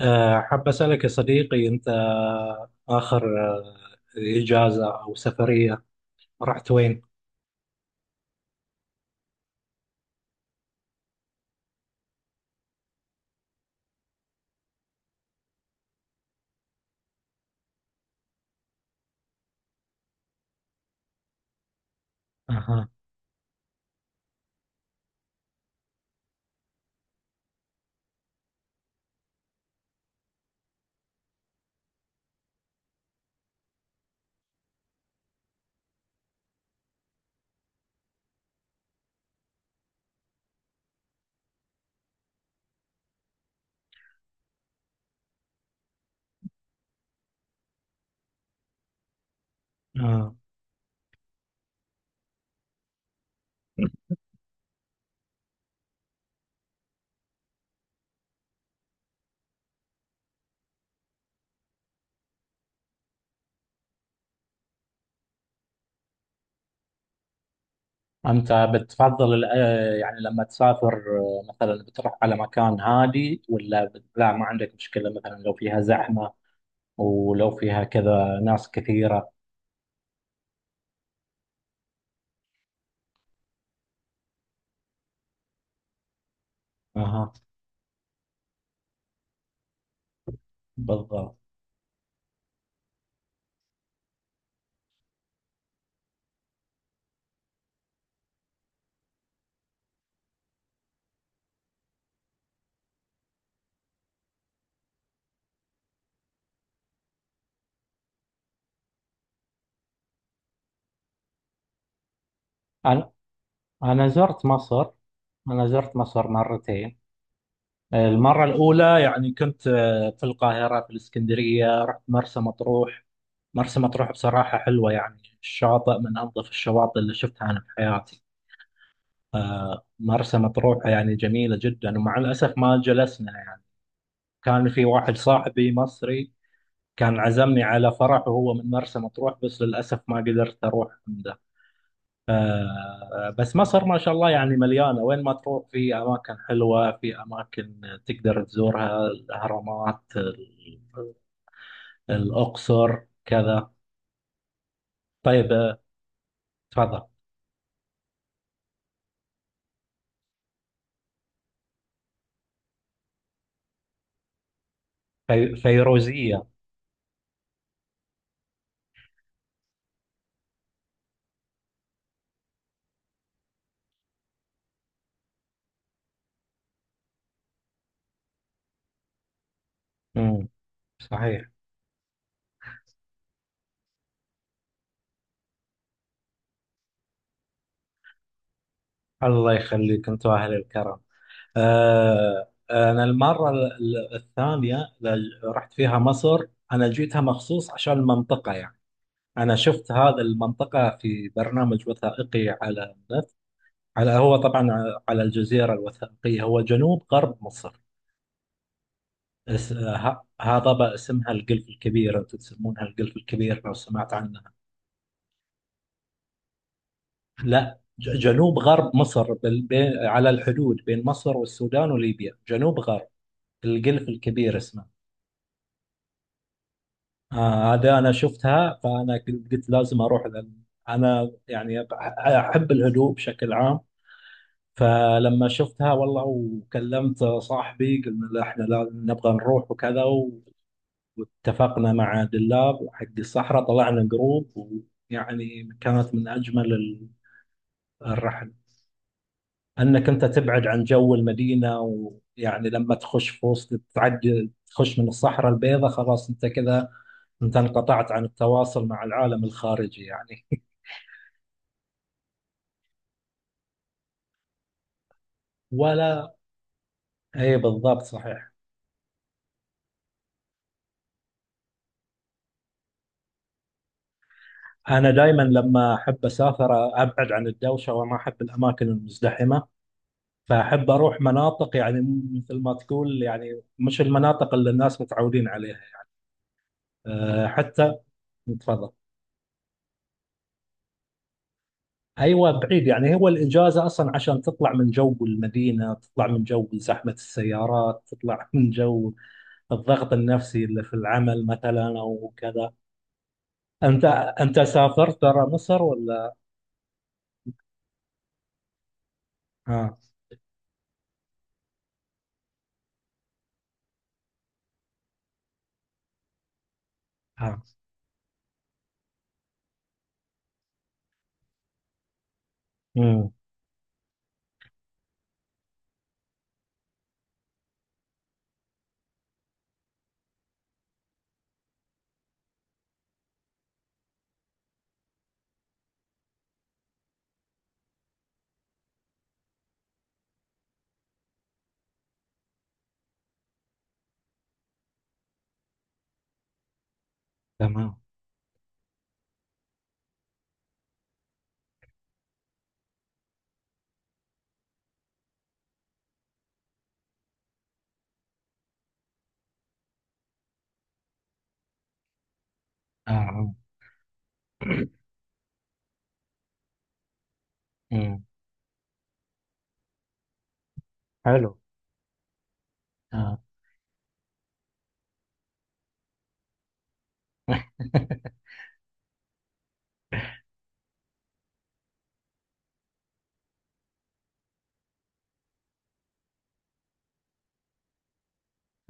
حاب أسألك يا صديقي، أنت آخر إجازة أو سفرية رحت وين؟ أها. آه. أنت بتفضل يعني لما تسافر، مثلا بتروح على مكان هادي ولا لا، ما عندك مشكلة مثلا لو فيها زحمة ولو فيها كذا ناس كثيرة؟ أها. بالضبط. أنا أنا زرت مصر، أنا زرت مصر مرتين. المرة الأولى يعني كنت في القاهرة، في الإسكندرية، رحت مرسى مطروح. مرسى مطروح بصراحة حلوة يعني، الشاطئ من أنظف الشواطئ اللي شفتها أنا في حياتي. مرسى مطروح يعني جميلة جدا، ومع الأسف ما جلسنا يعني. كان في واحد صاحبي مصري، كان عزمني على فرح وهو من مرسى مطروح، بس للأسف ما قدرت أروح عنده. بس مصر ما شاء الله يعني مليانة، وين ما تروح في أماكن حلوة، في أماكن تقدر تزورها، الأهرامات، الأقصر، كذا. طيب، تفضل. فيروزية. صحيح. الله يخليك، انتم اهل الكرم. آه، انا المره الثانيه رحت فيها مصر، انا جيتها مخصوص عشان المنطقه يعني. انا شفت هذا المنطقه في برنامج وثائقي على النت، على هو طبعا على الجزيره الوثائقيه. هو جنوب غرب مصر، هذا بقى اسمها القلف الكبير، انتم تسمونها القلف الكبير، لو سمعت عنها. لا، جنوب غرب مصر، على الحدود بين مصر والسودان وليبيا، جنوب غرب، القلف الكبير اسمه. آه هذا انا شفتها، فانا قلت لازم اروح، لأن انا يعني احب الهدوء بشكل عام. فلما شفتها والله وكلمت صاحبي، قلنا لا احنا لا نبغى نروح وكذا واتفقنا مع دلاب حق الصحراء، طلعنا جروب، ويعني كانت من اجمل الرحل. انك انت تبعد عن جو المدينه، ويعني لما تخش في وسط، تعدي تخش من الصحراء البيضاء، خلاص انت كذا، انت انقطعت عن التواصل مع العالم الخارجي يعني. ولا اي بالضبط، صحيح. انا دائما لما احب اسافر، ابعد عن الدوشه وما احب الاماكن المزدحمه، فاحب اروح مناطق يعني، مثل ما تقول يعني، مش المناطق اللي الناس متعودين عليها يعني. حتى. تفضل. ايوه، بعيد يعني. هو الاجازه اصلا عشان تطلع من جو المدينه، تطلع من جو زحمه السيارات، تطلع من جو الضغط النفسي اللي في العمل مثلا او كذا. أنت أنت سافرت برا مصر ولا؟ اه. اه. مم. تمام. اه. آه. أمم، حلو. اه.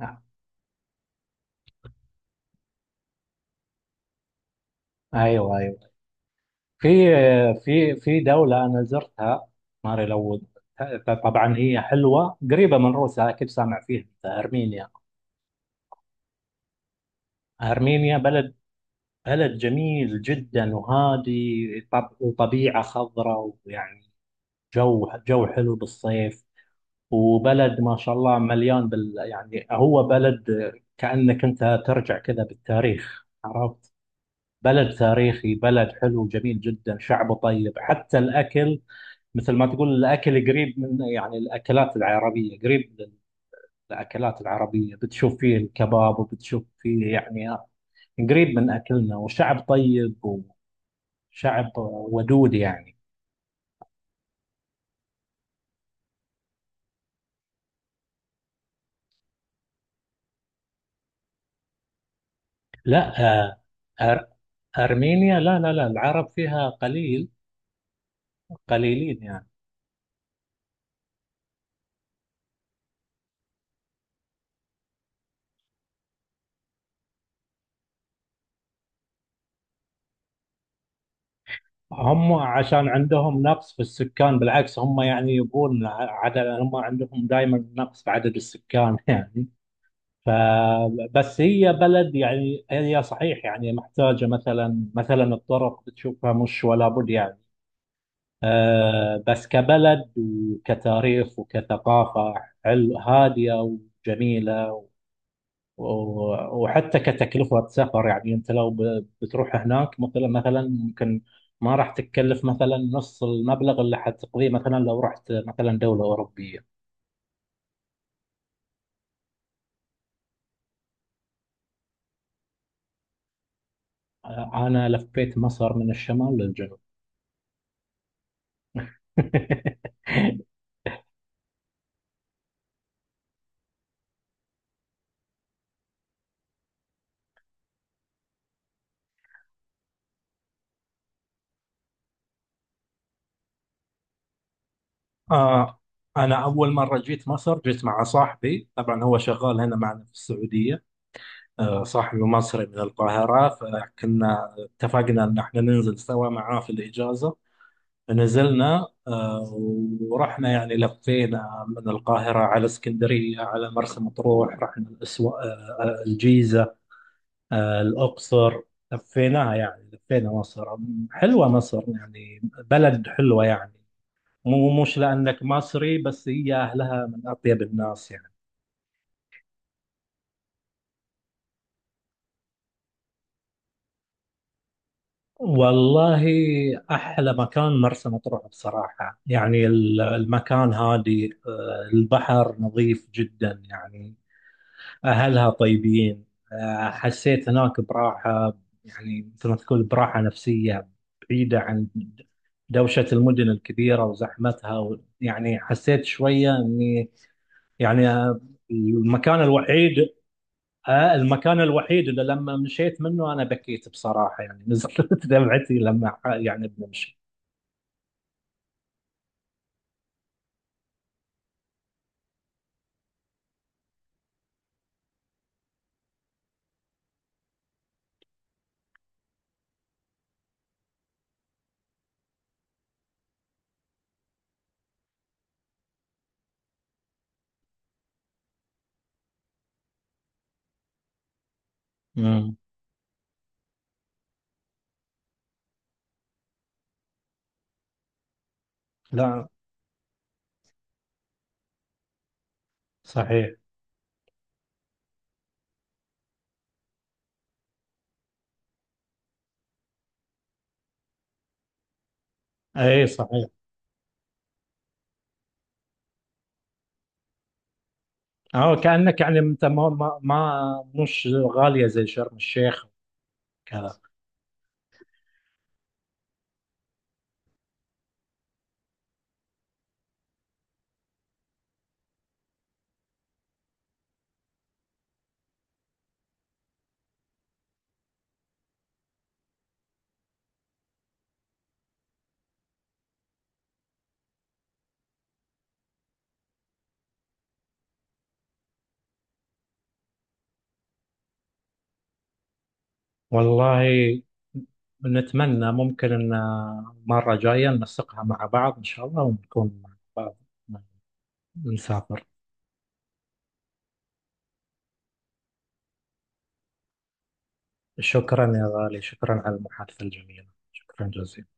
آه. ايوه، ايوه. في في في دولة انا زرتها، ماري لو. طبعا هي حلوة، قريبة من روسيا، اكيد سامع فيها أنت، ارمينيا. ارمينيا بلد، بلد جميل جدا وهادي، طب وطبيعة خضراء، ويعني جو جو حلو بالصيف، وبلد ما شاء الله مليان بال يعني، هو بلد كأنك أنت ترجع كذا بالتاريخ، عرفت. بلد تاريخي، بلد حلو جميل جدا، شعبه طيب، حتى الأكل مثل ما تقول، الأكل قريب من يعني الأكلات العربية، قريب للأكلات العربية، بتشوف فيه الكباب، وبتشوف فيه يعني قريب من أكلنا، وشعب طيب وشعب ودود يعني. لا، آه، أر- أرمينيا لا لا لا، العرب فيها قليل، قليلين يعني. هم عشان عندهم نقص في السكان، بالعكس هم يعني يبون عدد، هم عندهم دائما نقص في عدد السكان يعني. فبس هي بلد يعني، هي صحيح يعني محتاجة مثلا الطرق بتشوفها مش ولا بد يعني. آه، بس كبلد وكتاريخ وكثقافة حلو، هادية وجميلة. وحتى كتكلفة سفر يعني، أنت لو بتروح هناك مثلا ممكن ما راح تتكلف مثلا نص المبلغ اللي حتقضيه، مثلا لو رحت مثلا دولة أوروبية. أنا لفيت مصر من الشمال للجنوب. آه، أنا أول مرة جيت مصر، جيت مع صاحبي طبعا، هو شغال هنا معنا في السعودية. آه صاحبي مصري من القاهرة، فكنا اتفقنا أن احنا ننزل سوا معاه في الإجازة. نزلنا ورحنا يعني، لفينا من القاهرة على اسكندرية على مرسى مطروح، رحنا الأسوا... آه، آه، الجيزة، الأقصر. لفيناها يعني، لفينا مصر. حلوة مصر يعني، بلد حلوة يعني، مو مش لأنك مصري بس، هي أهلها من أطيب الناس يعني. والله أحلى مكان مرسى مطروح بصراحة يعني، المكان هادي، البحر نظيف جدا يعني، أهلها طيبين. حسيت هناك براحة، يعني مثل ما تقول براحة نفسية، بعيدة عن دوشة المدن الكبيرة وزحمتها يعني حسيت شوية إني يعني، المكان الوحيد، المكان الوحيد اللي لما مشيت منه أنا بكيت بصراحة يعني، نزلت دمعتي لما يعني بنمشي. مم. لا. صحيح. اي صحيح. أو كأنك يعني أنت مش غالية زي شرم الشيخ. والله نتمنى ممكن ان مرة جاية ننسقها مع بعض ان شاء الله، ونكون مع بعض نسافر. شكرا يا غالي، شكرا على المحادثة الجميلة، شكرا جزيلا.